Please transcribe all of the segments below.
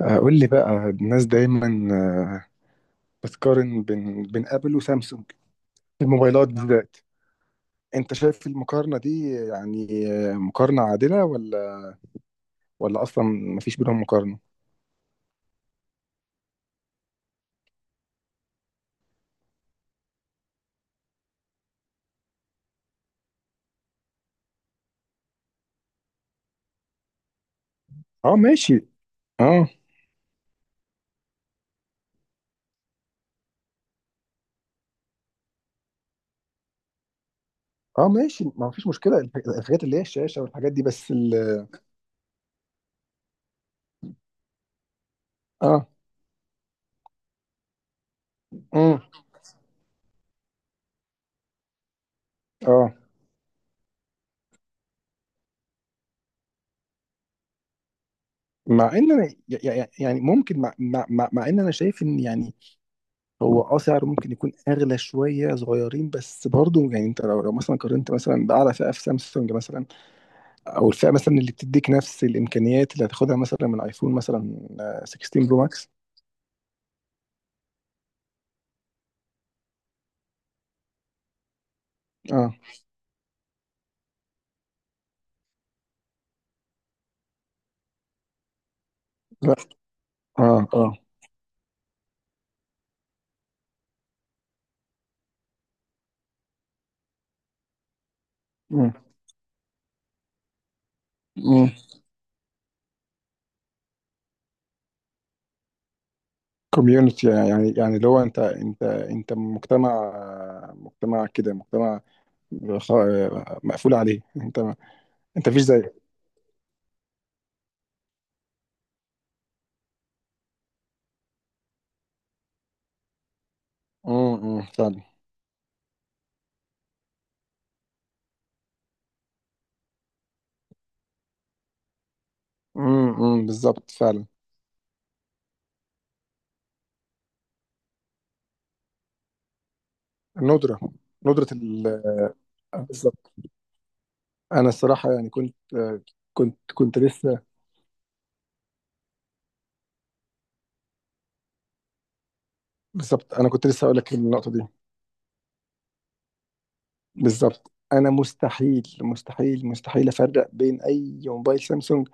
قول لي بقى الناس دايما آه، بتقارن بين ابل وسامسونج في الموبايلات بالذات. انت شايف المقارنة دي يعني مقارنة عادلة ولا اصلا مفيش بينهم مقارنة؟ اه، ماشي. اه، اه، ماشي ما فيش مشكلة الحاجات اللي هي الشاشة والحاجات دي بس ال اه امم اه. مع ان انا يعني ممكن مع ان انا شايف ان يعني هو سعره ممكن يكون اغلى شوية صغيرين بس برضه يعني انت لو مثلا قارنت مثلا بأعلى فئة في سامسونج مثلا. او الفئه مثلا اللي بتديك نفس الامكانيات اللي هتاخدها مثلا من ايفون مثلا 16 برو ماكس. اه، لا. اه، اه. كوميونتي يعني اللي هو انت مجتمع، مجتمع كده، مجتمع خ- مقفول عليه انت. انت مفيش زيه. فعلا. بالظبط، فعلا. الندرة، ندرة ال... بالظبط. انا الصراحة يعني كنت. كنت لسه. بالظبط انا كنت لسه هقول لك النقطة دي. بالظبط انا مستحيل مستحيل افرق بين اي موبايل سامسونج.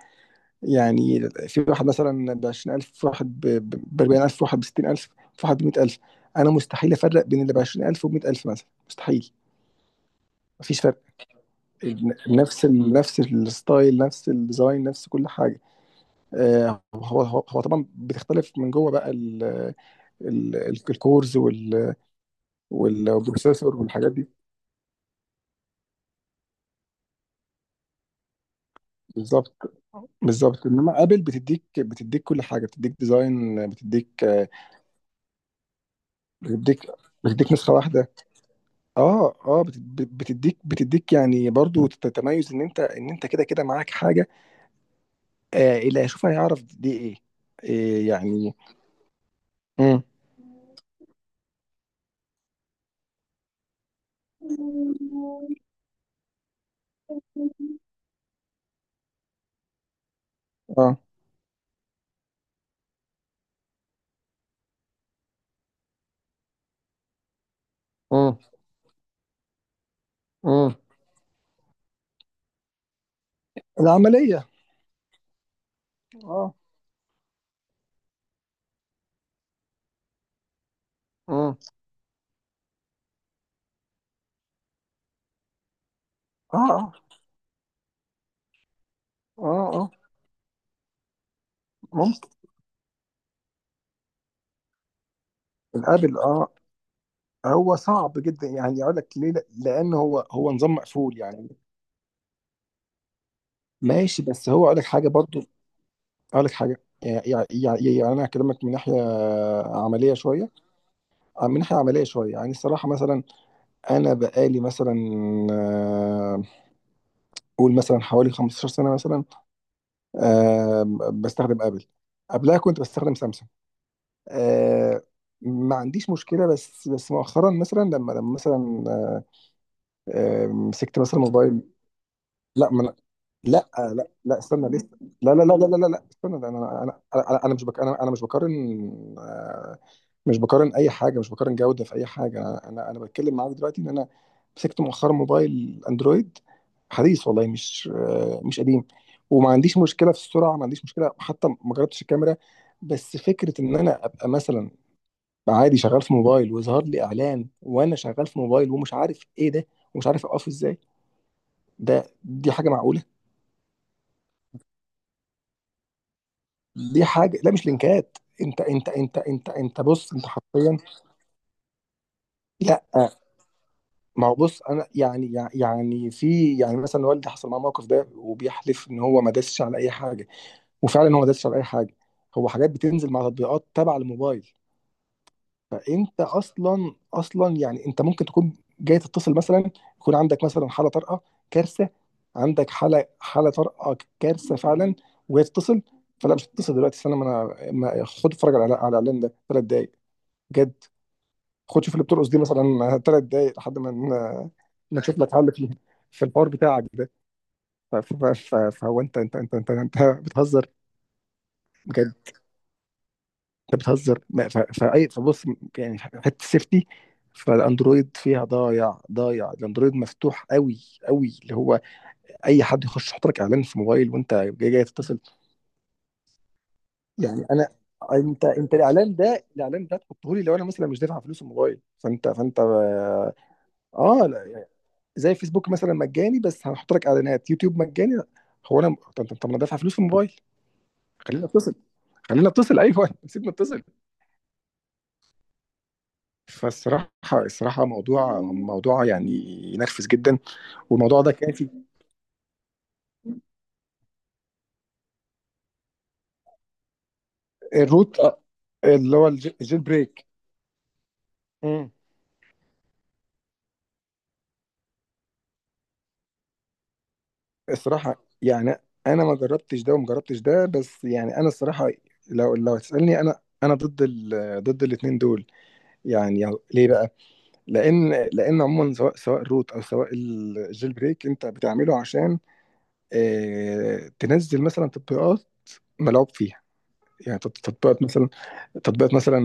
يعني في واحد مثلا ب 20000، في واحد ب 40000، في واحد ب 60000، في واحد ب 100000. انا مستحيل افرق بين اللي ب 20000 وب 100000 مثلا، مستحيل. مفيش فرق. نفس ال نفس الستايل، نفس الديزاين، نفس كل حاجه. هو طبعا بتختلف من جوه بقى ال- الكورز والبروسيسور والحاجات دي. بالظبط، بالظبط. انما ابل بتديك كل حاجه، بتديك ديزاين، بتديك بتديك نسخه واحده. اه، اه. بتديك يعني برضو تتميز ان انت كده كده معاك حاجه. اللي هيشوفها هيعرف دي إيه يعني. امم اه. امم امم العمليه. اه. امم اه، اه، اه، اه، ممكن. الابل. اه هو صعب جدا يعني اقول لك ليه. لان هو نظام مقفول يعني. ماشي، بس هو اقول لك حاجه برضو. اقول لك حاجه. يعني انا هكلمك من ناحيه عمليه شويه. من ناحيه عمليه شويه يعني الصراحه مثلا انا بقالي مثلا آه، قول مثلا حوالي 15 سنه مثلا آه، بستخدم ابل. قبلها كنت بستخدم سامسونج. آه، ما عنديش مشكله. بس مؤخرا مثلا لما مثلا مسكت مثلا موبايل. لا، لا، لا، لا، استنى لسه. لا، لا، لا، لا، لا، لا، استنى ده. انا مش بك، انا مش بقارن. مش بقارن اي حاجه، مش بقارن جوده في اي حاجه. انا أنا بتكلم معاك دلوقتي ان انا مسكت مؤخرا موبايل اندرويد حديث، والله مش مش قديم. وما عنديش مشكله في السرعه، ما عنديش مشكله، حتى ما جربتش الكاميرا. بس فكره ان انا ابقى مثلا عادي شغال في موبايل ويظهر لي اعلان وانا شغال في موبايل ومش عارف ايه ده ومش عارف اوقفه ازاي. دي حاجه معقوله؟ دي حاجه، لا مش لينكات. انت انت بص، انت حرفيا. لا، ما هو بص انا يعني يعني في يعني مثلا والدي حصل معاه موقف ده وبيحلف ان هو ما داسش على اي حاجه. وفعلا هو ما داسش على اي حاجه. هو حاجات بتنزل مع تطبيقات تبع الموبايل. فانت اصلا يعني انت ممكن تكون جاي تتصل مثلا، يكون عندك مثلا حاله طارئه، كارثه. عندك حاله طارئه، كارثه فعلا، وهي تتصل. فلا، مش هتتصل دلوقتي، استنى ما انا خد اتفرج على الاعلان ده 3 دقايق. جد، خد شوف اللي بترقص دي مثلا 3 دقايق لحد ما نشوف لك حل في الحوار بتاعك ده. فهو انت بتهزر. بجد، انت بتهزر. ما- ف- فاي فبص. يعني حته السيفتي فالاندرويد فيها ضايع، ضايع. الاندرويد مفتوح قوي قوي، اللي هو اي حد يخش يحط لك اعلان في موبايل وانت جاي جاي تتصل. يعني انا انت الاعلان ده تحطه لي لو انا مثلا مش دافع فلوس الموبايل. فانت. اه، لا. زي فيسبوك مثلا مجاني بس هنحط لك اعلانات، يوتيوب مجاني. هو انا، طب انا دافع فلوس في الموبايل. خلينا اتصل، خلينا اتصل، ايوه سيبنا اتصل. فالصراحه، موضوع، يعني ينرفز جدا. والموضوع ده كان في. الروت، اللي هو الجيل بريك. مم. الصراحه يعني انا ما جربتش ده وما جربتش ده، بس يعني انا الصراحه لو هتسالني، انا ضد ال... ضد الاثنين دول. يعني ليه بقى؟ لان عموما سواء الروت او سواء الجيل بريك انت بتعمله عشان تنزل مثلا تطبيقات ملعوب فيها. يعني تطبيقات مثلا، تطبيقات مثلا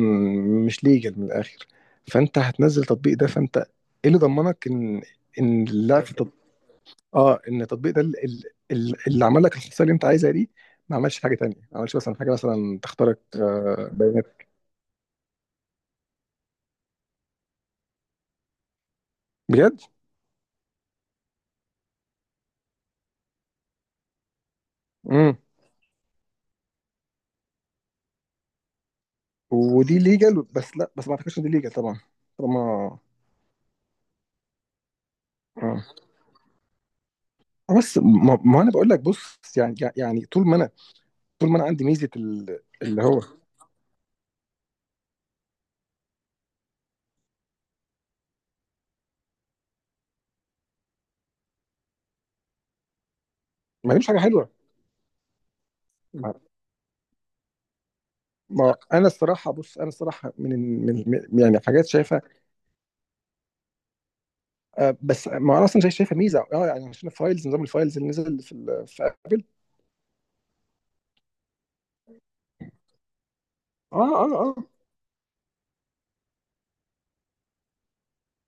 مش ليجل من الاخر. فانت هتنزل تطبيق ده، فانت ايه اللي ضمنك ان اللاعب في تط... اه، ان التطبيق ده اللي عمل لك الخصائص اللي انت عايزها دي ما عملش حاجه تانية، ما عملش مثلا حاجه مثلا تخترق بيانات. بجد. امم ودي ليجل. بس لا، بس ما اعتقدش ان دي ليجل طبعا طالما. آه. بس ما انا بقول لك بص. يعني طول ما انا، طول ما انا عندي ميزه اللي هو. ما لهمش حاجه حلوه. ما, ما انا الصراحه بص. انا الصراحه من، من يعني حاجات شايفها. بس ما انا اصلا شايفها ميزه اه، يعني عشان الفايلز، نظام الفايلز اللي نزل في ابل. اه، اه، اه.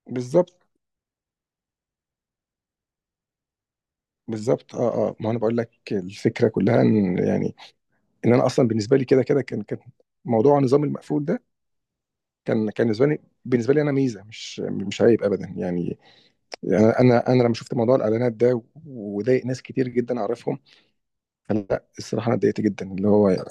بالظبط، بالظبط. اه، اه. ما انا بقول لك الفكره كلها ان يعني ان انا اصلا بالنسبه لي كده كده كان. موضوع النظام المقفول ده كان. بالنسبه لي، انا ميزه، مش عيب ابدا يعني. يعني انا لما شفت موضوع الاعلانات ده وضايق ناس كتير جدا اعرفهم، فلا الصراحه انا اتضايقت جدا، اللي هو يعني.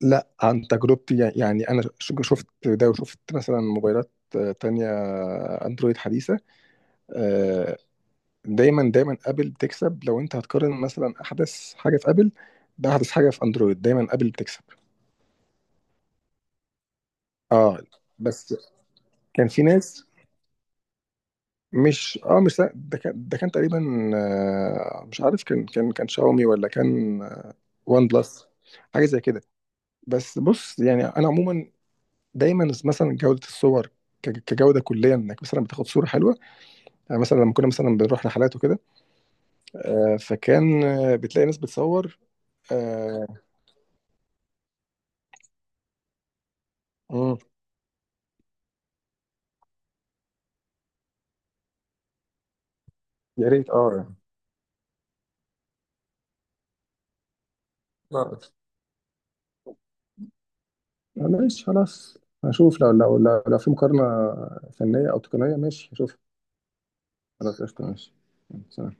لا، عن تجربتي يعني انا شفت ده وشفت مثلا موبايلات تانية اندرويد حديثه. آه، دايما دايما ابل بتكسب. لو انت هتقارن مثلا احدث حاجه في ابل باحدث حاجه في اندرويد، دايما ابل بتكسب. اه. بس كان في ناس مش، مش ده كان، تقريبا مش عارف كان. كان شاومي ولا كان وان بلس، حاجة زي كده. بس بص يعني أنا عموما دايما مثلا جودة الصور، كجودة كلية انك مثلا بتاخد صورة حلوة. يعني مثلا لما كنا مثلا بنروح رحلات وكده، فكان بتلاقي ناس بتصور. آه، مم. يا ريت، اه. يعني ماشي خلاص، هشوف لو في مقارنة فنية أو تقنية. ماشي، هشوف. خلاص، قشطة، ماشي. سلام.